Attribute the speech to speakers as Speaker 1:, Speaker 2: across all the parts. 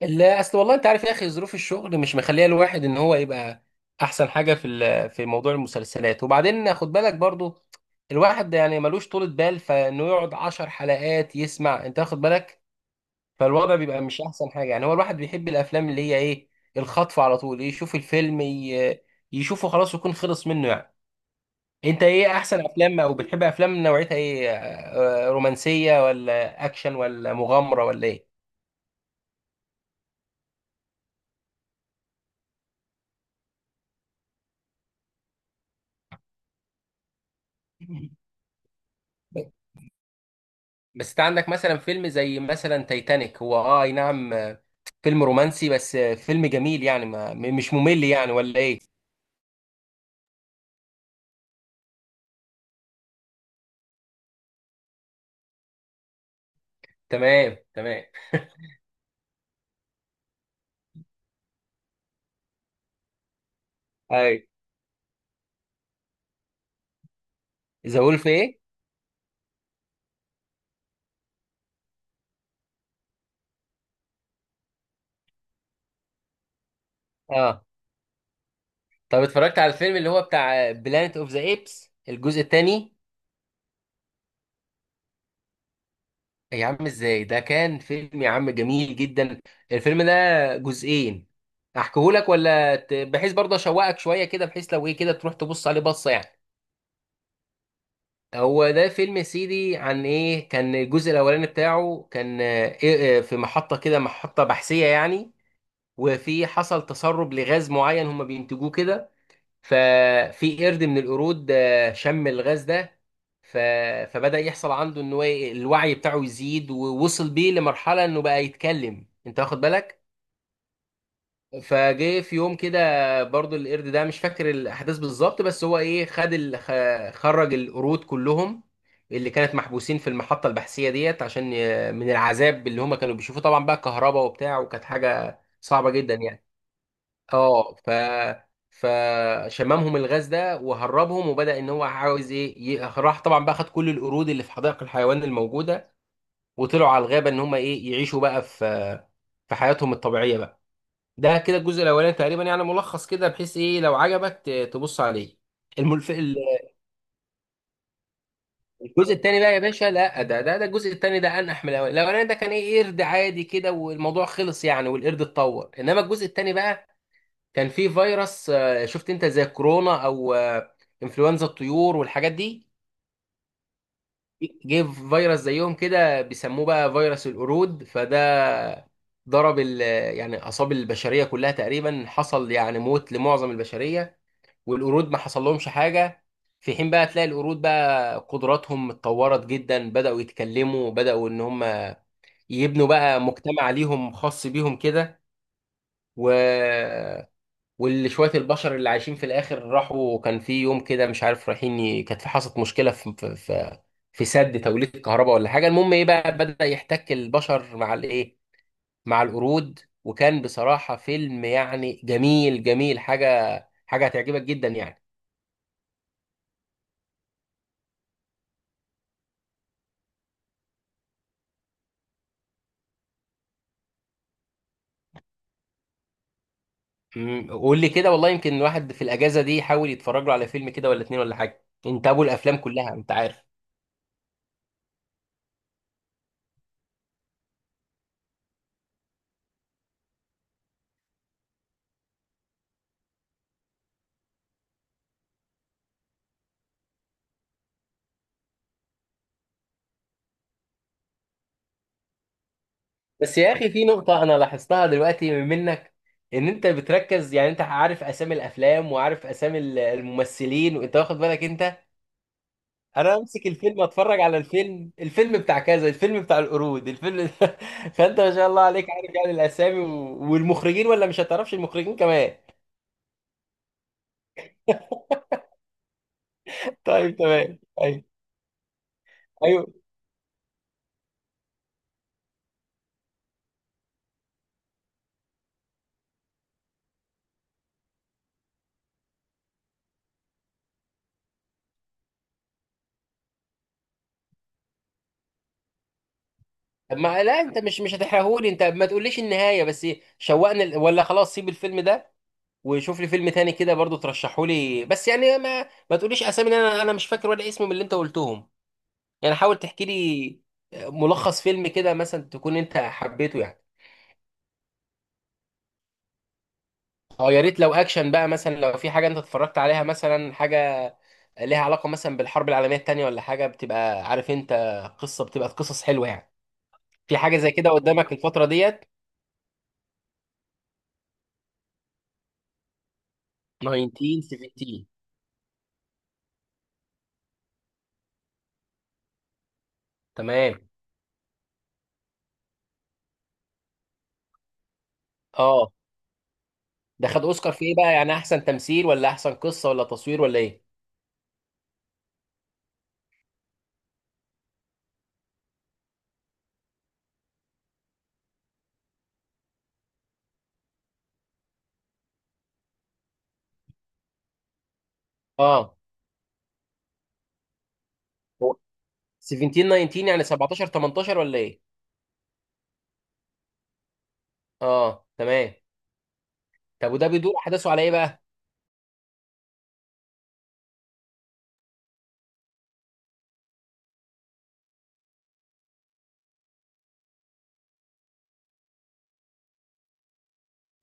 Speaker 1: لا، اصل والله انت عارف يا اخي، ظروف الشغل مش مخليه الواحد ان هو يبقى احسن حاجه في موضوع المسلسلات. وبعدين خد بالك برضو الواحد يعني ملوش طولة بال فانه يقعد عشر حلقات يسمع، انت واخد بالك. فالوضع بيبقى مش احسن حاجه. يعني هو الواحد بيحب الافلام اللي هي ايه، الخطف على طول، يشوف الفيلم يشوفه خلاص ويكون خلص منه يعني. انت ايه احسن افلام، او بتحب افلام نوعيتها ايه؟ رومانسيه ولا اكشن ولا مغامره ولا ايه؟ بس انت عندك مثلا فيلم زي مثلا تايتانيك، هو اي نعم، فيلم رومانسي بس فيلم جميل يعني ما م- مش ممل يعني، ولا ايه؟ تمام، تمام. اي. ذا وولف ايه؟ اه. طب اتفرجت على الفيلم اللي هو بتاع بلانت اوف ذا ايبس الجزء الثاني؟ يا عم ازاي، ده كان فيلم يا عم جميل جدا، الفيلم ده. جزئين. احكيهولك ولا بحيث برضه اشوقك شويه كده، بحيث لو ايه كده تروح تبص عليه بصه يعني. هو ده فيلم يا سيدي، عن ايه كان الجزء الاولاني بتاعه، كان آه، إيه آه، في محطة كده، محطة بحثية يعني. وفي حصل تسرب لغاز معين هم بينتجوه كده. ففي قرد من القرود شم الغاز ده. ف... فبدأ يحصل عنده ان هو الوعي بتاعه يزيد، ووصل بيه لمرحلة انه بقى يتكلم، انت واخد بالك. فجه في يوم كده، برضو القرد ده مش فاكر الاحداث بالظبط، بس هو ايه، خرج القرود كلهم اللي كانت محبوسين في المحطه البحثيه ديت، عشان من العذاب اللي هم كانوا بيشوفوه، طبعا بقى كهرباء وبتاع، وكانت حاجه صعبه جدا يعني. اه ف فشممهم الغاز ده وهربهم، وبدأ ان هو عاوز ايه، راح طبعا بقى خد كل القرود اللي في حدائق الحيوان الموجوده، وطلعوا على الغابه ان هم ايه، يعيشوا بقى في حياتهم الطبيعيه بقى. ده كده الجزء الاولاني تقريبا، يعني ملخص كده بحيث ايه لو عجبك تبص عليه. الملف ال- الجزء الثاني بقى يا باشا، لا ده ده الجزء الثاني ده انح من الاولاني. الاولاني ده كان ايه، قرد عادي كده والموضوع خلص يعني والقرد اتطور، انما الجزء الثاني بقى كان فيه فيروس، شفت انت، زي كورونا او انفلونزا الطيور والحاجات دي. جه فيروس زيهم كده بيسموه بقى فيروس القرود، فده ضرب ال- يعني اصاب البشريه كلها تقريبا. حصل يعني موت لمعظم البشريه، والقرود ما حصل لهمش حاجه. في حين بقى تلاقي القرود بقى قدراتهم اتطورت جدا، بداوا يتكلموا، بداوا ان هم يبنوا بقى مجتمع ليهم خاص بيهم كده. و واللي شويه البشر اللي عايشين في الاخر، راحوا كان في يوم كده مش عارف رايحين كانت في حصلت مشكله في في سد توليد الكهرباء ولا حاجه، المهم ايه بقى، بدا يحتك البشر مع الايه، مع القرود، وكان بصراحه فيلم يعني جميل جميل، حاجه حاجه هتعجبك جدا يعني. قول لي كده والله، يمكن الواحد في الاجازه دي يحاول يتفرج له على فيلم كده، ولا اتنين ولا حاجه. انت ابو الافلام كلها انت، عارف. بس يا اخي في نقطه انا لاحظتها دلوقتي منك، ان انت بتركز يعني، انت عارف اسامي الافلام وعارف اسامي الممثلين، وانت واخد بالك انت. انا امسك الفيلم اتفرج على الفيلم، الفيلم بتاع كذا، الفيلم بتاع القرود، الفيلم. فانت ما شاء الله عليك عارف يعني الاسامي والمخرجين، ولا مش هتعرفش المخرجين كمان؟ طيب، تمام طيب. ايوه. طب ما لا، انت مش هتحرقهولي، انت ما تقوليش النهايه بس، شوقنا ولا خلاص سيب الفيلم ده وشوف لي فيلم تاني كده برضو ترشحهولي، بس يعني ما تقوليش اسامي، إن انا مش فاكر ولا اسم من اللي انت قلتهم. يعني حاول تحكي لي ملخص فيلم كده مثلا تكون انت حبيته يعني. اه يا ريت لو اكشن بقى، مثلا لو في حاجه انت اتفرجت عليها، مثلا حاجه ليها علاقه مثلا بالحرب العالميه التانيه ولا حاجه، بتبقى عارف انت، قصه بتبقى قصص حلوه يعني. في حاجه زي كده قدامك الفتره ديت؟ 1917؟ تمام. اه، ده خد اوسكار في ايه بقى، يعني احسن تمثيل ولا احسن قصه ولا تصوير ولا ايه؟ اه. هو 17 19 يعني، 17 18 ولا ايه؟ اه، تمام. طب وده بيدور احداثه على ايه بقى؟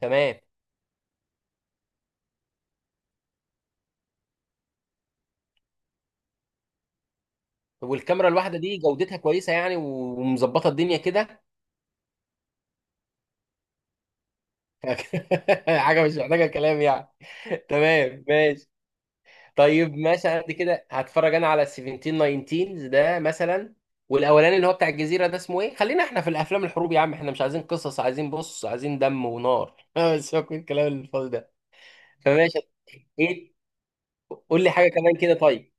Speaker 1: تمام. طب والكاميرا الواحده دي جودتها كويسه يعني، ومظبطه الدنيا كده؟ حاجه مش محتاجه كلام يعني. تمام، ماشي. طيب، ماشي، على قد كده هتفرج انا على 17 19 ده مثلا، والاولاني اللي هو بتاع الجزيره ده اسمه ايه. خلينا احنا في الافلام الحروب يا عم، احنا مش عايزين قصص، عايزين بص، عايزين دم ونار، بس هو كل الكلام الفاضي ده. فماشي. ايه؟ قول لي حاجه كمان كده طيب.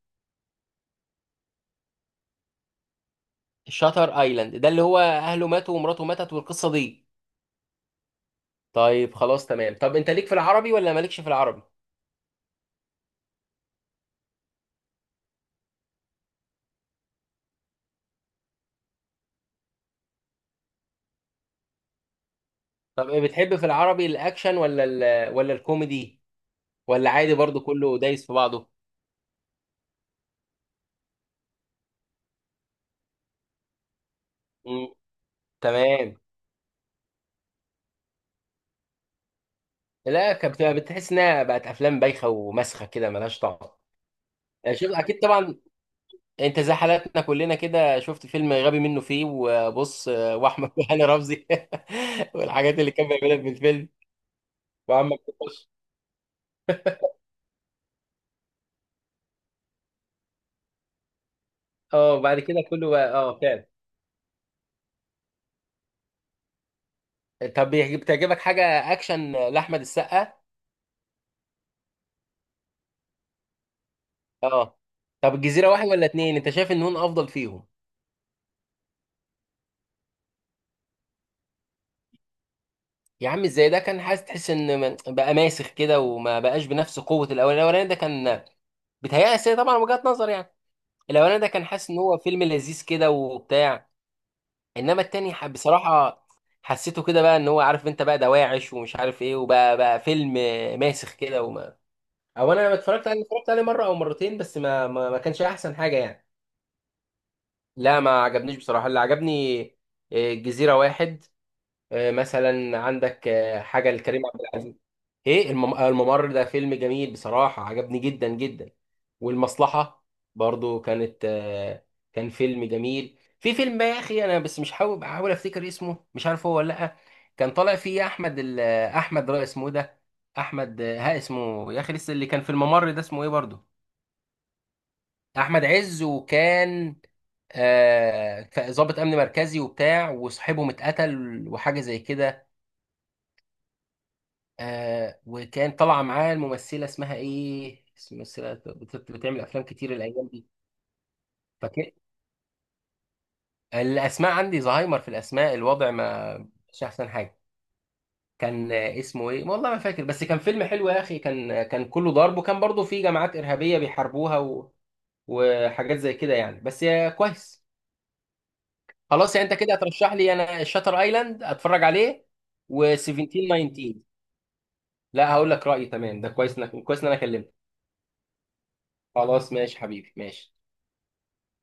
Speaker 1: شاتر ايلاند ده اللي هو اهله ماتوا ومراته ماتت والقصه دي؟ طيب خلاص تمام. طب انت ليك في العربي ولا مالكش في العربي؟ طب ايه بتحب في العربي، الاكشن ولا ولا الكوميدي، ولا عادي برضو كله دايس في بعضه؟ مم. تمام. لا، كانت بتبقى بتحس انها بقت افلام بايخه ومسخه كده ملهاش طعم. يعني شوف، اكيد طبعا، انت زي حالاتنا كلنا كده، شفت فيلم غبي منه فيه وبص، واحمد وهاني رمزي. والحاجات اللي كان بيعملها في الفيلم وعمك تخش. اه وبعد كده كله اه، فعلا. طب بتعجبك حاجه اكشن لاحمد السقا؟ اه. طب الجزيره واحد ولا اتنين، انت شايف ان هون افضل فيهم؟ يا عم، ازاي ده كان، حاسس تحس ان بقى ماسخ كده وما بقاش بنفس قوه الاولاني. الاولاني ده كان بيتهيألي طبعا وجهة نظر يعني، الاولاني ده كان حاسس ان هو فيلم لذيذ كده وبتاع، انما التاني بصراحه حسيته كده بقى، ان هو عارف انت، بقى دواعش ومش عارف ايه، وبقى فيلم ماسخ كده، وما. او انا لما اتفرجت عليه، اتفرجت عليه مره او مرتين، بس ما كانش احسن حاجه يعني. لا، ما عجبنيش بصراحه. اللي عجبني الجزيره واحد، مثلا عندك حاجه لكريم عبد العزيز. ايه، الممر ده فيلم جميل بصراحة عجبني جدا جدا. والمصلحة برضو كانت كان فيلم جميل. في فيلم بقى يا اخي انا بس مش بحاول افتكر اسمه، مش عارف هو ولا لا. كان طالع فيه احمد رأي، اسمه إيه ده، احمد آه، ها اسمه يا اخي لسه، اللي كان في الممر ده اسمه ايه برضو. احمد عز، وكان ضابط امن مركزي وبتاع، وصاحبهم اتقتل وحاجة زي كده. وكان طالعه معاه الممثله، اسمها ايه، ممثله بتعمل افلام كتير الايام دي. فكان الاسماء عندي زهايمر في الاسماء، الوضع ما مش احسن حاجه. كان اسمه ايه والله ما فاكر، بس كان فيلم حلو يا اخي، كان كان كله ضرب، وكان برضه في جماعات ارهابيه بيحاربوها وحاجات زي كده يعني، بس يا كويس. خلاص يعني انت كده هترشح لي انا شاتر ايلاند اتفرج عليه و17 19. لا هقول لك رايي تمام. ده كويس، انك كويس ان انا كلمتك. خلاص ماشي حبيبي ماشي.